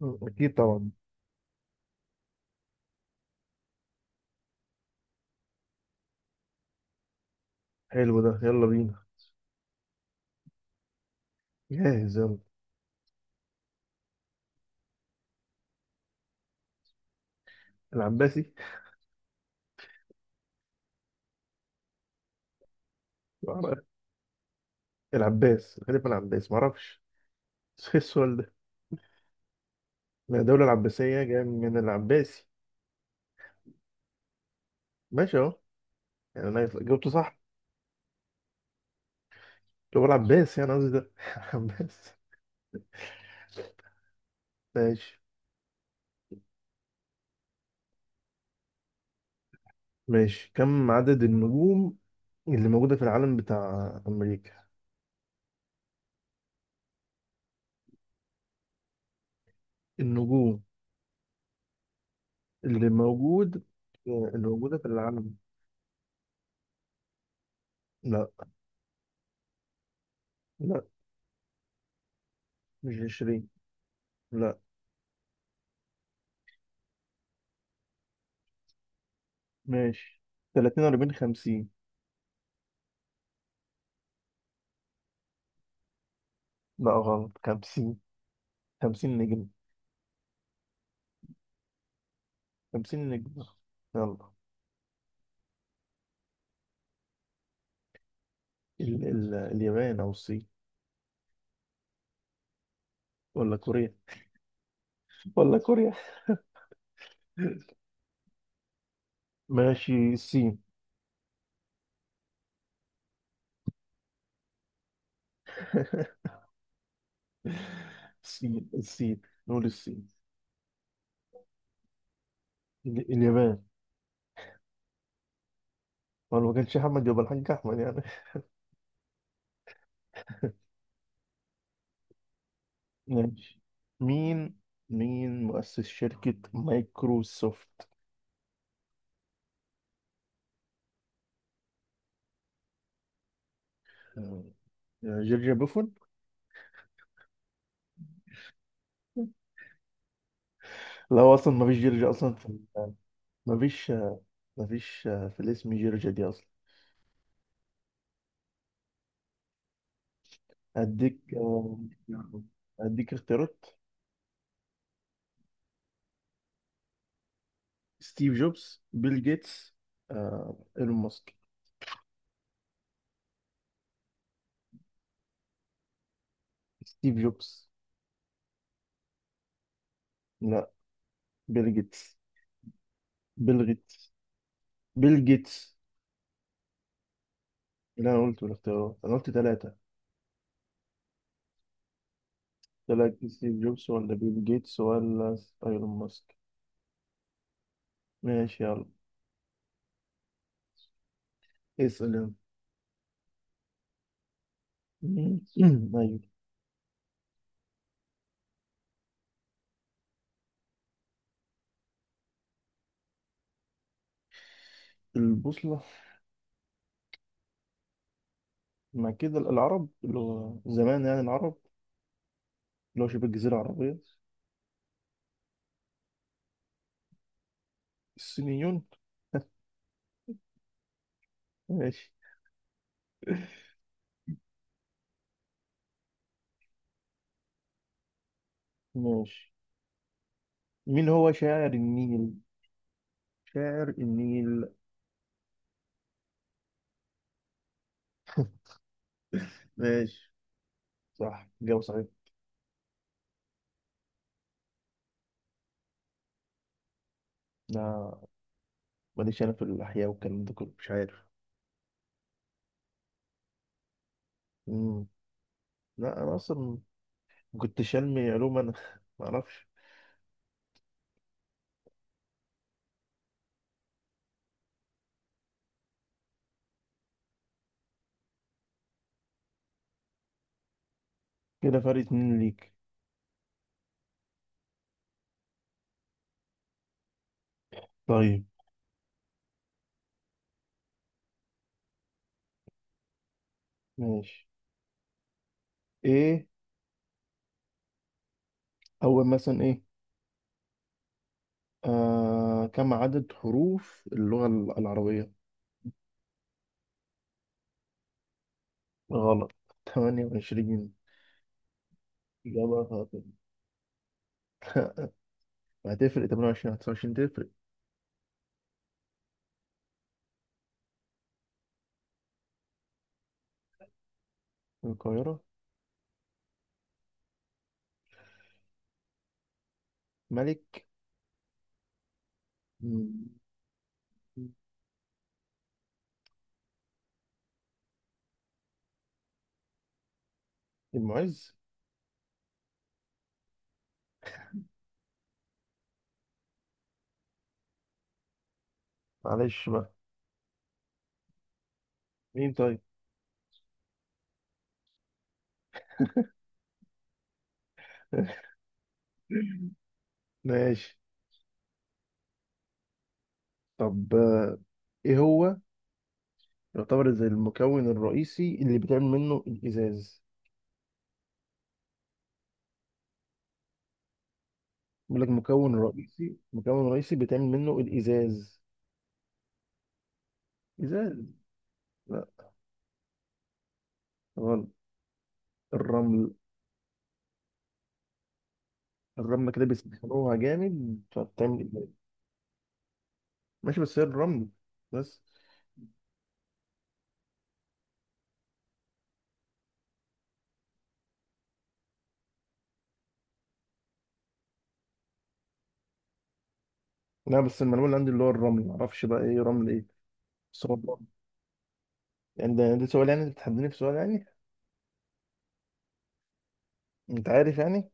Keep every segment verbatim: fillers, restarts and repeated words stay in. مم. أكيد طبعا. حلو ده، يلا بينا. جاهز يلا. العباسي. معرف- العباس، غالبا العباس، معرفش. إيه السؤال ده؟ ما الدولة العباسية جاية من العباسي. ماشي أهو، يعني أنا جاوبته صح. هو العباس، يعني قصدي ده العباس. ماشي. ماشي، كم عدد النجوم اللي موجودة في العالم بتاع أمريكا؟ النجوم اللي موجود اللي موجودة في العالم. لا، لا، مش عشرين. لا. ماشي، تلاتين، أربعين، خمسين. لا، غلط، خمسين. خمسين نجم. خمسين نجم. يلا. ال ال اليابان أو الصين، ولا كوريا. ولا كوريا. ماشي، الصين. الصين، الصين، نقول الصين. ال- اليابان. هو لو ما كانش أحمد يبقى الحاج أحمد يعني. ماشي. مين مين مؤسس شركة مايكروسوفت؟ آه، جورج بوفون. لا، هو أصلا ما فيش جورج أصلا في. ما فيش. ما فيش في الاسم جورج دي أصلا. اديك آه، اديك اختيارات. ستيف جوبز، بيل جيتس، آه، ايلون ماسك. ستيف جوبز. لا، بيل جيتس. بيل جيتس. بيل جيتس. اللي انا قلته الاختيارات، انا قلت ثلاثة. ثلاثة، ستيف جوبز ولا بيل جيتس ولا ايلون ماسك. ماشي يلا. اسأل يلا. مم. ايوه. البوصلة، مع كده العرب اللي هو زمان يعني، العرب اللي هو شبه الجزيرة العربية. الصينيون. ماشي. ماشي، مين هو شاعر النيل؟ شاعر النيل. ماشي، صح، جاوب صحيح. لا، ماليش انا في الاحياء والكلام ده كله، مش عارف. مم. لا، انا اصلا كنت شلمي علوم انا ما اعرفش. كده فرق اتنين ليك. طيب. ماشي. ايه اول مثلا ايه. آه كم عدد حروف اللغة ال- العربية؟ غلط تمنية وعشرين. إجابة خاطئة. هتفرق ثمانية وعشرين تسعة وعشرين؟ تفرق. القاهرة. ملك. مم. المعز. معلش بقى. مين طيب؟ ماشي. طب، آه، ايه هو يعتبر زي المكون الرئيسي اللي بيتعمل منه الازاز؟ بيقول لك مكون رئيسي، مكون رئيسي بيتعمل منه الازاز. ازاز. لا، غلط. الرمل. الرمل كده بيسخنوها جامد فبتعمل ازاز. ماشي، بس هي الرمل بس. لا، بس المعلومه اللي عندي اللي هو الرمل، معرفش بقى ايه رمل ايه. بس هو الرمل. يعني ده ده سؤال، يعني انت بتحدني في سؤال يعني. انت عارف يعني.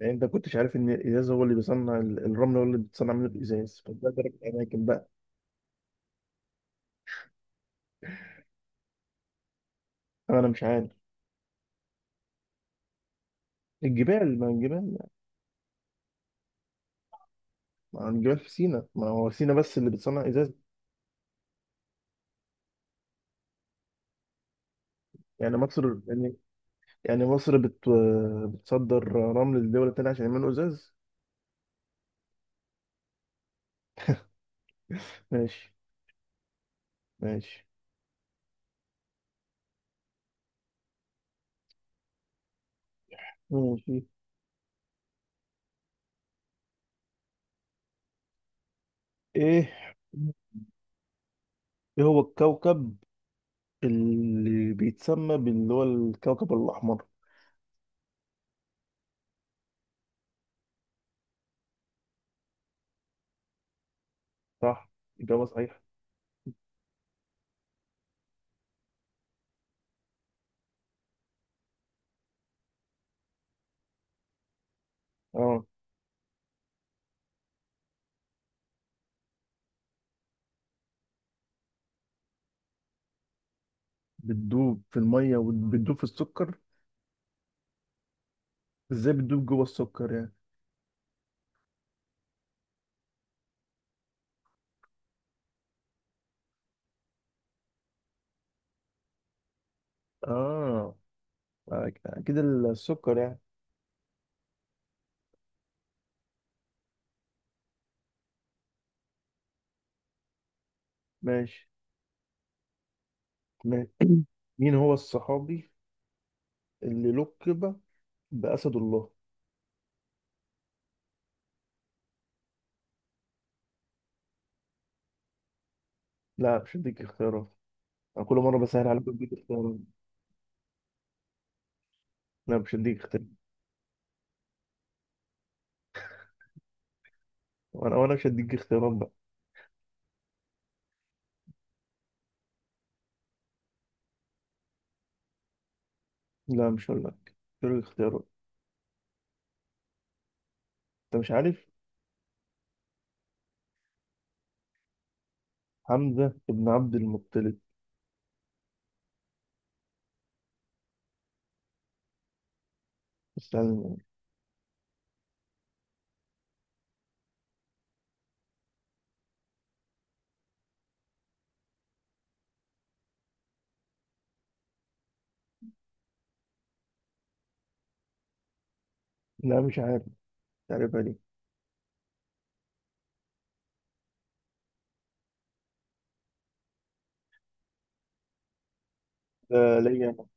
يعني انت كنتش عارف ان الازاز هو اللي بيصنع ال- الرمل، هو اللي بتصنع منه الازاز، فتبادر الاماكن بقى. انا مش عارف. الجبال، ما الجبال، ما الجبال في سينا، ما هو سينا بس اللي بتصنع ازاز. يعني مصر يعني. يعني مصر بت... بتصدر رمل لدول تانية عشان يعملوا ازاز. ماشي. ماشي. ماشي. ايه. ايه هو الكوكب اللي بيتسمى باللي هو الكوكب الاحمر؟ صح، اجابه صحيحه. اه. بتدوب في الميه وبتدوب في السكر؟ ازاي بتدوب جوه السكر يعني؟ اه، اكيد السكر يعني. ماشي. ماشي. مين هو الصحابي اللي لقب بأسد الله؟ لا، مش هديك اختيارات. انا كل مره بسهل عليك، بديك اختيارات. لا، مش هديك اختيارات. وانا وانا مش هديك اختيارات بقى. لا، مش هقول لك. مش هديك اختيارات. انت مش عارف. حمزه بن عبد المطلب. استنى. لا، مش عارف. تعرفها دي. لا، ليا.